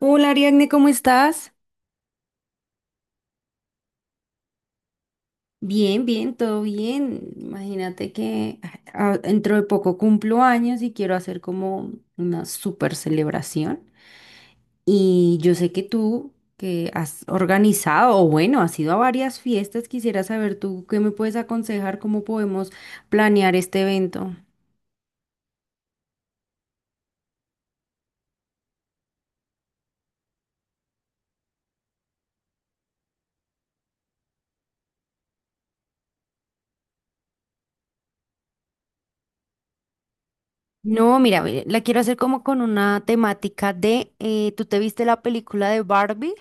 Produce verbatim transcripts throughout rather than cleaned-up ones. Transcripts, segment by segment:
Hola Ariadne, ¿cómo estás? Bien, bien, todo bien. Imagínate que ah, dentro de poco cumplo años y quiero hacer como una super celebración. Y yo sé que tú, que has organizado, o bueno, has ido a varias fiestas, quisiera saber tú qué me puedes aconsejar, cómo podemos planear este evento. No, mira, ve, la quiero hacer como con una temática de, eh, ¿tú te viste la película de Barbie?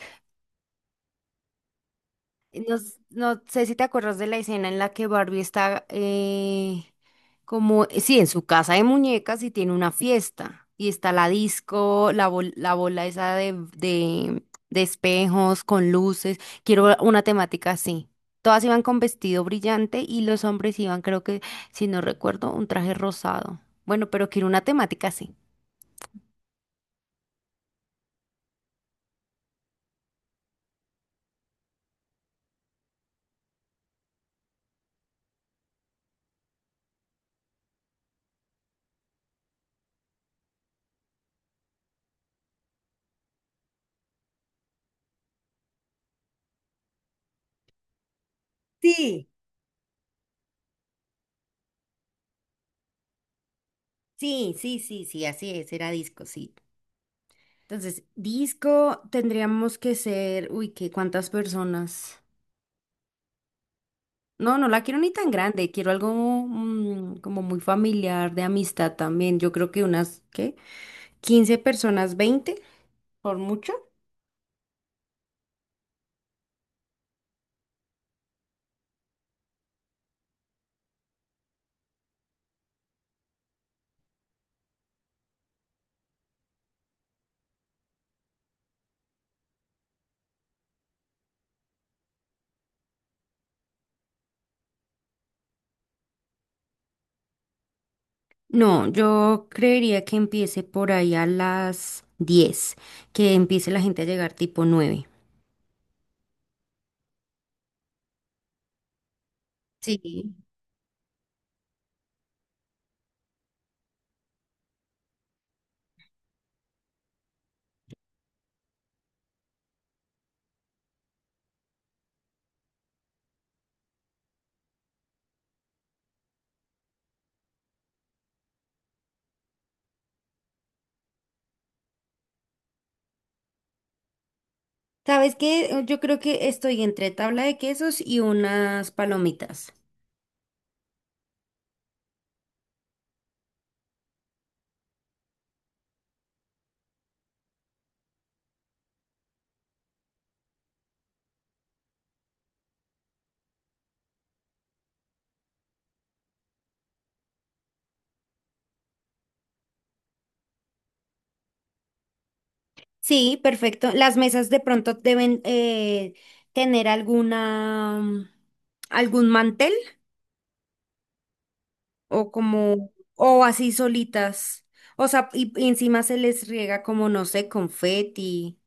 No, s- no sé si te acuerdas de la escena en la que Barbie está eh, como, eh, sí, en su casa de muñecas y tiene una fiesta. Y está la disco, la, bol- la bola esa de, de, de espejos con luces. Quiero una temática así. Todas iban con vestido brillante y los hombres iban, creo que, si no recuerdo, un traje rosado. Bueno, pero quiero una temática así. Sí, sí, sí, sí, sí, así es, era disco, sí. Entonces, disco tendríamos que ser, uy, ¿qué? ¿Cuántas personas? No, no la quiero ni tan grande, quiero algo mm, como muy familiar, de amistad también. Yo creo que unas, ¿qué? Quince personas, veinte por mucho. No, yo creería que empiece por ahí a las diez, que empiece la gente a llegar tipo nueve. Sí. ¿Sabes qué? Yo creo que estoy entre tabla de quesos y unas palomitas. Sí, perfecto. Las mesas de pronto deben eh, tener alguna, mm, algún mantel o como, o así solitas. O sea, y, y encima se les riega como, no sé, confeti.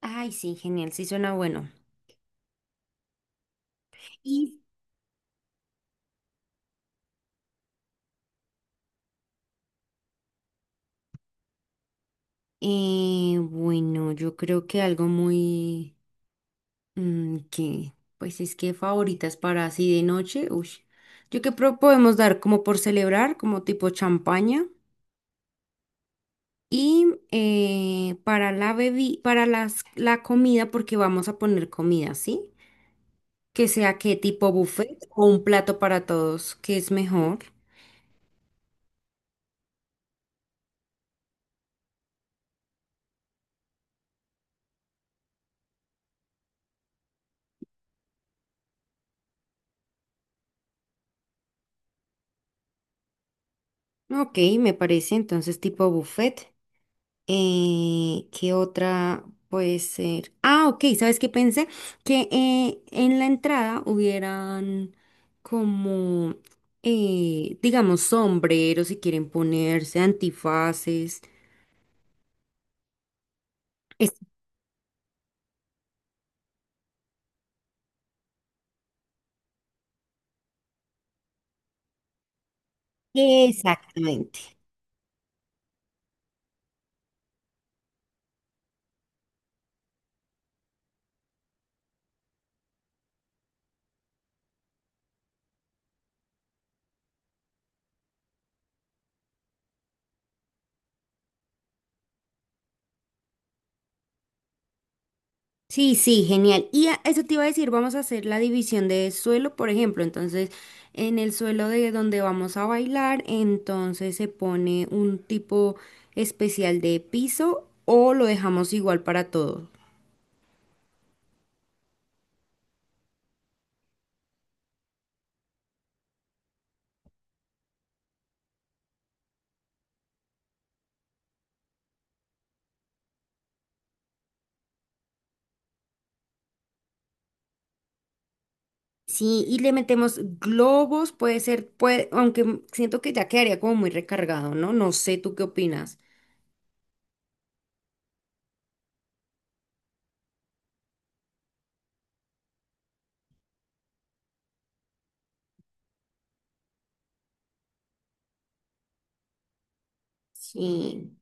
Ay, sí, genial, sí suena bueno. Y eh, bueno, yo creo que algo muy, mm, que, pues es que favoritas para así de noche, uy. Yo creo que podemos dar como por celebrar, como tipo champaña. Y eh, para la bebi- para las, la comida, porque vamos a poner comida, ¿sí? Que sea qué tipo buffet o un plato para todos, que es mejor. Ok, me parece entonces tipo buffet. Eh, ¿qué otra puede ser? Ah, ok, ¿sabes qué pensé? Que eh, en la entrada hubieran como, eh, digamos, sombreros si quieren ponerse, antifaces. Es- Exactamente. Sí, sí, genial. Y a- eso te iba a decir, vamos a hacer la división de suelo, por ejemplo. Entonces, en el suelo de donde vamos a bailar, entonces se pone un tipo especial de piso o lo dejamos igual para todos. Sí, y le metemos globos, puede ser, puede, aunque m- siento que ya quedaría como muy recargado, ¿no? No sé, ¿tú qué opinas? Sí.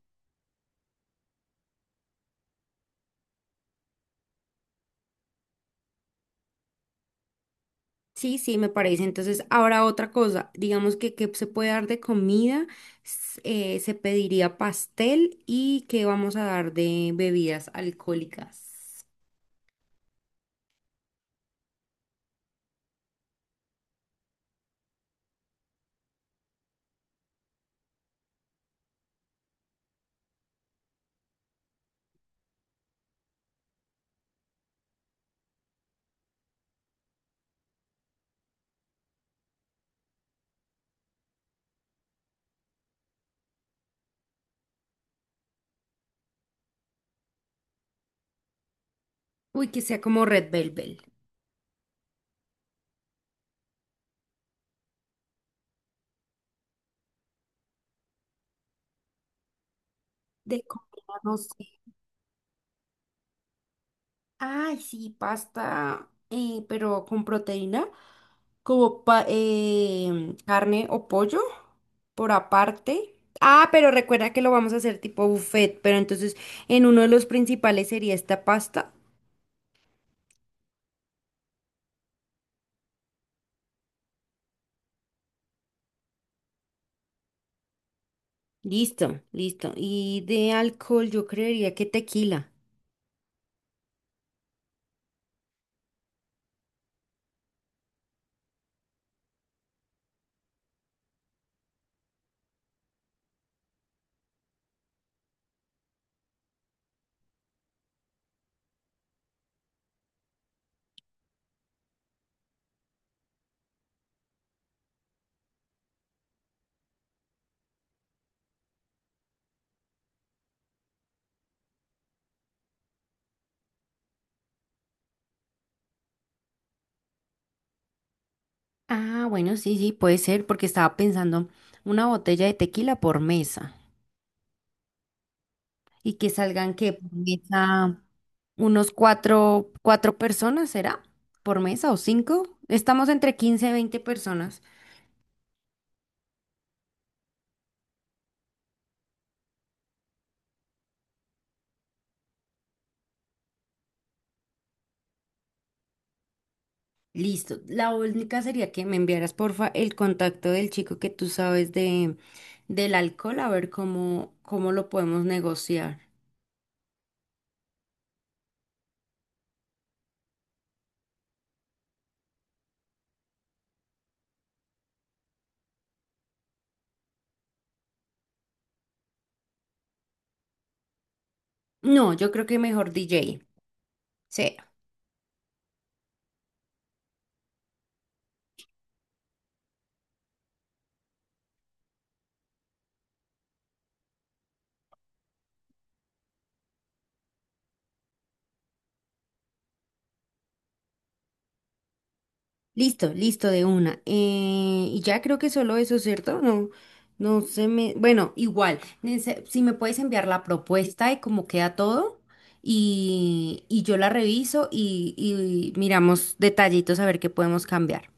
Sí, sí, me parece. Entonces, ahora otra cosa, digamos que, que se puede dar de comida, s- eh, se pediría pastel y que vamos a dar de bebidas alcohólicas. Uy, que sea como Red Velvet. De comida, no sé. Ay, sí, pasta, eh, pero con proteína, como pa- em, carne o pollo por aparte. Ah, pero recuerda que lo vamos a hacer tipo buffet, pero entonces en uno de los principales sería esta pasta. Listo, listo. Y de alcohol yo creería que tequila. Ah, bueno, sí, sí, puede ser, porque estaba pensando una botella de tequila por mesa. Y que salgan que por mesa, unos cuatro, cuatro personas, ¿será? ¿Por mesa o cinco? Estamos entre quince y veinte personas. Listo. La única sería que me enviaras porfa el contacto del chico que tú sabes de del alcohol, a ver cómo, cómo lo podemos negociar. No, yo creo que mejor D J. Sí. Listo, listo de una. Eh, y ya creo que solo eso, ¿cierto? No, no se me. Bueno, igual, nece- si me puedes enviar la propuesta de cómo queda todo y, y yo la reviso y, y miramos detallitos a ver qué podemos cambiar.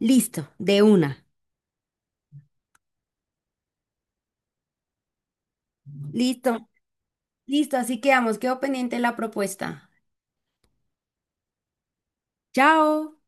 Listo, de una. Listo, listo, así quedamos. Quedo pendiente de la propuesta. Chao.